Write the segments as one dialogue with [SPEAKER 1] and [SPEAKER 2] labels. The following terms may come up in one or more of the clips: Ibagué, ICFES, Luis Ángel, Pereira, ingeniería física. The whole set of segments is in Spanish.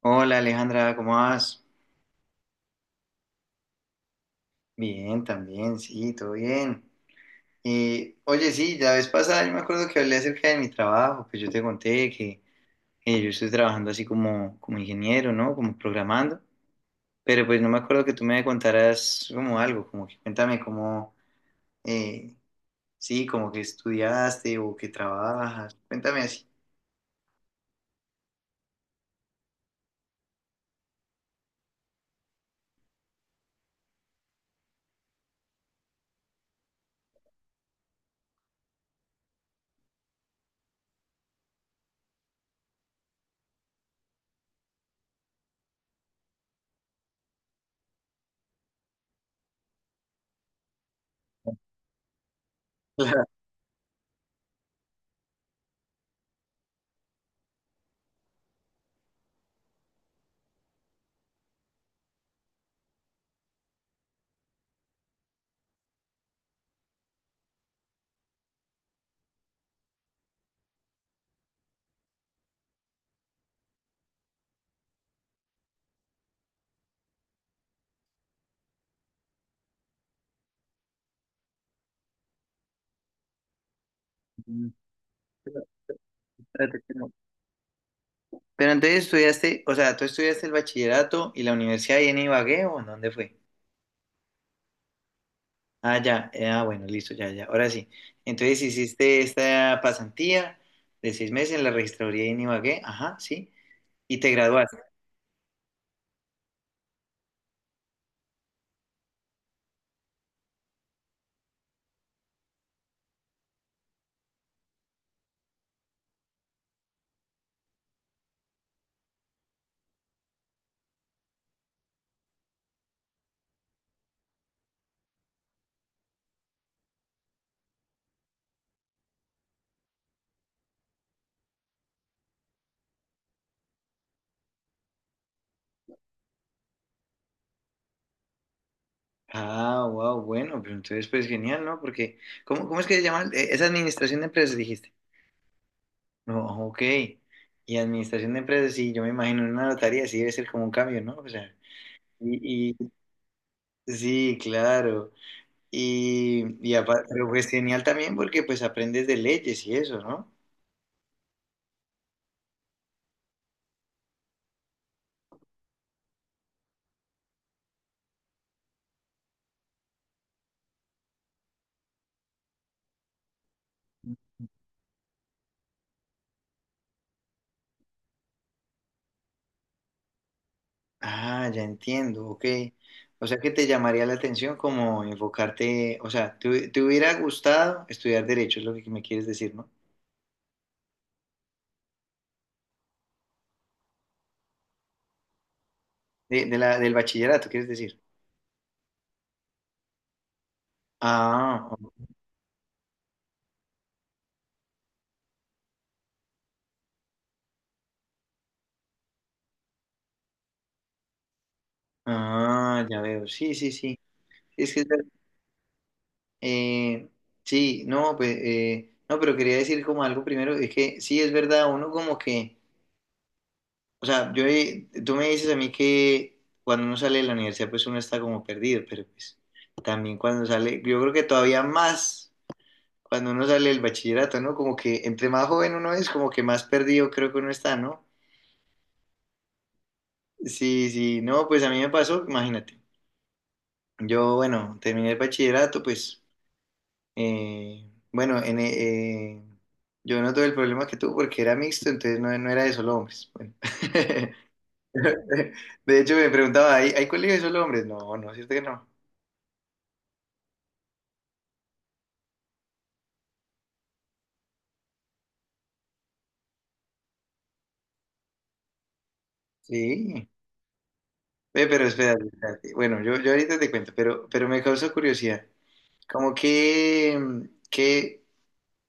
[SPEAKER 1] Hola Alejandra, ¿cómo vas? Bien, también, sí, todo bien. Oye, sí, la vez pasada yo me acuerdo que hablé acerca de mi trabajo, que yo te conté que yo estoy trabajando así como ingeniero, ¿no? Como programando, pero pues no me acuerdo que tú me contaras como algo, como que cuéntame cómo, eh, sí, como que estudiaste o que trabajas, cuéntame así. Claro. Pero espérate, pero entonces estudiaste, o sea, ¿tú estudiaste el bachillerato y la universidad ahí en Ibagué o en dónde fue? Ah, ya, ah, bueno, listo, ya, ya, ahora sí. Entonces hiciste esta pasantía de 6 meses en la registraduría de Inbagué, ajá, sí, y te graduaste. Ah, wow, bueno, pero entonces pues genial, ¿no? Porque, ¿cómo es que se llama? Es administración de empresas, dijiste. No, ok. Y administración de empresas, sí, yo me imagino en una notaría, sí debe ser como un cambio, ¿no? O sea, y, y- sí, claro. Y aparte, pero pues genial también porque pues aprendes de leyes y eso, ¿no? Ah, ya entiendo, ok. O sea que te llamaría la atención como enfocarte, o sea, te hubiera gustado estudiar derecho, es lo que me quieres decir, ¿no? Del bachillerato, quieres decir. Ah, ah, ya veo, sí, sí, sí. Es que, es ver- eh, sí, no, pues, no, pero quería decir como algo primero, es que sí, es verdad, uno como que, o sea, tú me dices a mí que cuando uno sale de la universidad, pues uno está como perdido, pero pues también cuando sale, yo creo que todavía más. Cuando uno sale del bachillerato, ¿no? Como que entre más joven uno es, como que más perdido creo que uno está, ¿no? Sí, sí, no, pues a mí me pasó, imagínate. Yo, bueno, terminé el bachillerato, pues, eh, bueno, en, eh, yo no tuve el problema que tú porque era mixto, entonces no era de solo hombres. Bueno. De hecho, me preguntaba, ¿hay colegio de solo hombres? No, no, cierto que no. Sí, ve, pero espérate, espérate. Bueno, yo ahorita te cuento, pero, me causó curiosidad. Como que, ¿que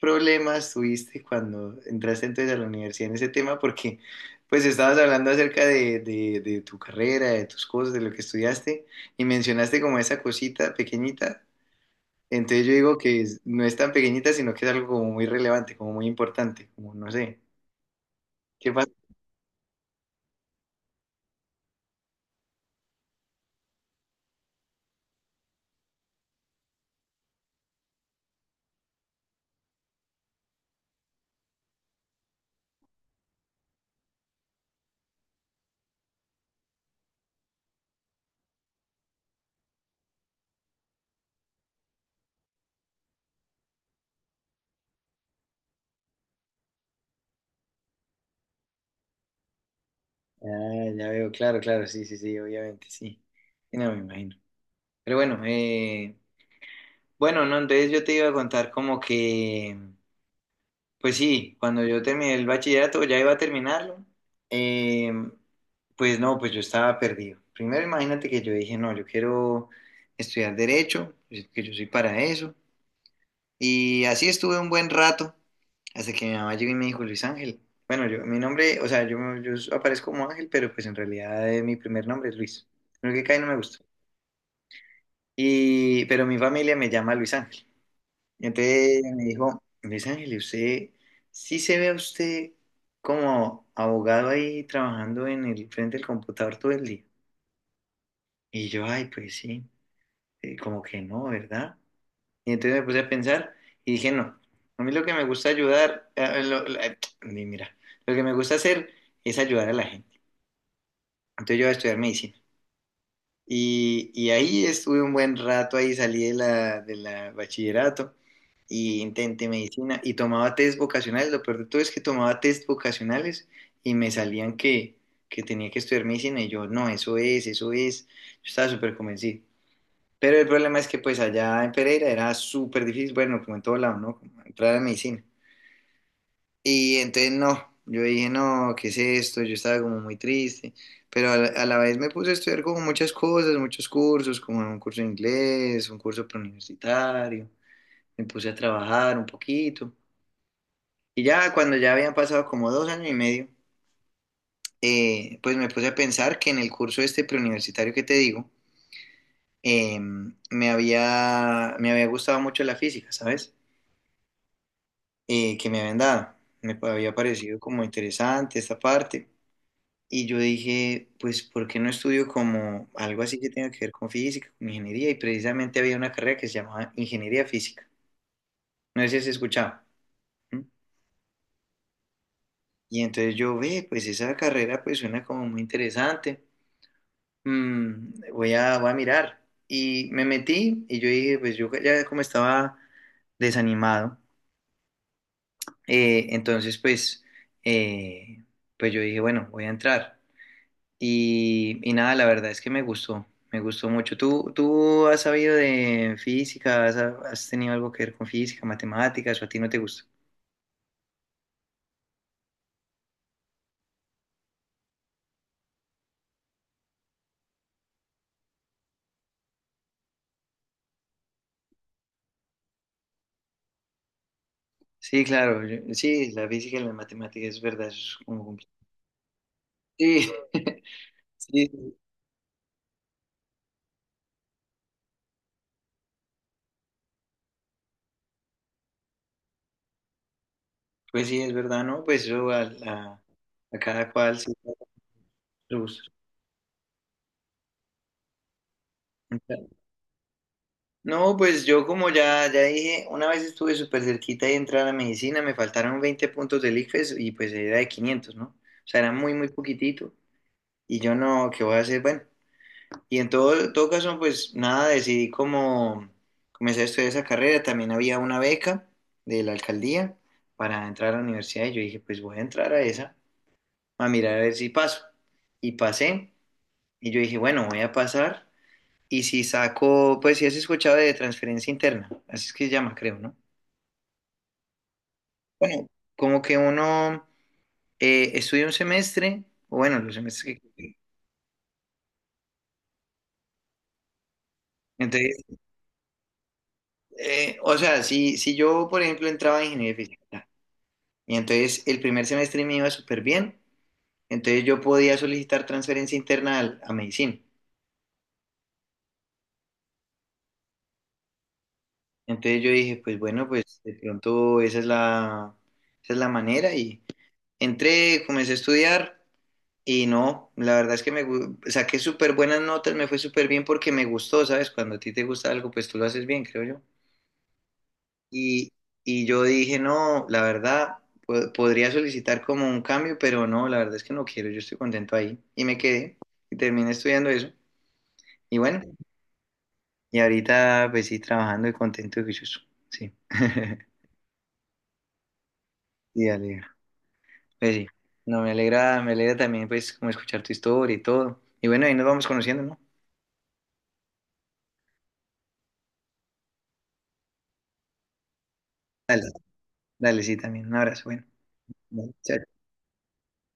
[SPEAKER 1] problemas tuviste cuando entraste entonces a la universidad en ese tema? Porque pues estabas hablando acerca de tu carrera, de tus cosas, de lo que estudiaste y mencionaste como esa cosita pequeñita. Entonces yo digo que no es tan pequeñita, sino que es algo como muy relevante, como muy importante, como no sé. ¿Qué pasa? Ah, ya veo, claro, claro, sí, sí, sí, obviamente, sí. Sí. No, me imagino. Pero bueno, bueno, no, entonces yo te iba a contar como que... Pues sí, cuando yo terminé el bachillerato, ya iba a terminarlo, eh, pues no, pues yo estaba perdido. Primero imagínate que yo dije, no, yo quiero estudiar derecho, pues, que yo soy para eso. Y así estuve un buen rato, hasta que mi mamá llegó y me dijo, Luis Ángel. Bueno, yo, mi nombre, o sea, yo aparezco como Ángel, pero pues en realidad mi primer nombre es Luis. Lo que cae no me gusta. Y, pero mi familia me llama Luis Ángel. Y entonces ella me dijo, Luis Ángel, usted sí se ve a usted como abogado ahí trabajando en el frente del computador todo el día. Y yo, ay, pues sí, como que no, ¿verdad? Y entonces me puse a pensar y dije, no, a mí lo que me gusta ayudar, mira, lo que me gusta hacer es ayudar a la gente. Entonces yo voy a estudiar medicina. Y ahí estuve un buen rato, ahí salí de la, bachillerato y intenté medicina y tomaba test vocacionales. Lo peor de todo es que tomaba test vocacionales y me salían que tenía que estudiar medicina y yo, no, eso es, eso es. Yo estaba súper convencido. Pero el problema es que pues allá en Pereira era súper difícil, bueno, como en todo lado, ¿no? Como entrar a medicina. Y entonces no, yo dije, no, ¿qué es esto? Yo estaba como muy triste, pero a la vez me puse a estudiar como muchas cosas, muchos cursos, como un curso de inglés, un curso preuniversitario, me puse a trabajar un poquito. Y ya cuando ya habían pasado como 2 años y medio, pues me puse a pensar que en el curso este preuniversitario que te digo, eh, me había gustado mucho la física, ¿sabes? Que me habían dado. Me había parecido como interesante esta parte. Y yo dije, pues, ¿por qué no estudio como algo así que tenga que ver con física, con ingeniería? Y precisamente había una carrera que se llamaba ingeniería física. No sé si has escuchado. ¿Mm? Y entonces yo, ve, pues esa carrera pues suena como muy interesante. Voy a, mirar. Y me metí y yo dije, pues yo ya como estaba desanimado, entonces pues, eh, pues yo dije, bueno, voy a entrar. Y nada, la verdad es que me gustó mucho. ¿Tú has sabido de física? ¿Has tenido algo que ver con física, matemáticas o a ti no te gusta? Sí, claro, sí, la física y la matemática es verdad, eso es como compli- Sí, sí, pues sí, es verdad, ¿no? Pues eso a cada cual sí le gusta. No, pues yo como ya dije, una vez estuve súper cerquita de entrar a medicina, me faltaron 20 puntos del ICFES y pues era de 500, ¿no? O sea, era muy, muy poquitito. Y yo no, ¿qué voy a hacer? Bueno, y en todo caso, pues nada, decidí como comenzar a estudiar esa carrera. También había una beca de la alcaldía para entrar a la universidad y yo dije, pues voy a entrar a esa, a mirar a ver si paso. Y pasé y yo dije, bueno, voy a pasar. Y si saco, pues si has escuchado de transferencia interna, así es que se llama, creo, ¿no? Bueno, como que uno estudia un semestre, o bueno, los semestres que... Entonces, o sea, si yo, por ejemplo, entraba en ingeniería física y entonces el primer semestre me iba súper bien, entonces yo podía solicitar transferencia interna a medicina. Entonces yo dije, pues bueno, pues de pronto esa es la, manera y entré, comencé a estudiar y no, la verdad es que saqué súper buenas notas, me fue súper bien porque me gustó, ¿sabes? Cuando a ti te gusta algo, pues tú lo haces bien, creo yo. Y, y yo dije, no, la verdad, podría solicitar como un cambio, pero no, la verdad es que no quiero, yo estoy contento ahí. Y me quedé y terminé estudiando eso. Y bueno, y ahorita pues sí, trabajando y contento y juicioso. Sí. Sí, alegra. Pues sí. No, me alegra también pues como escuchar tu historia y todo. Y bueno, ahí nos vamos conociendo, ¿no? Dale, sí, también. Un abrazo, bueno. Dale, chao.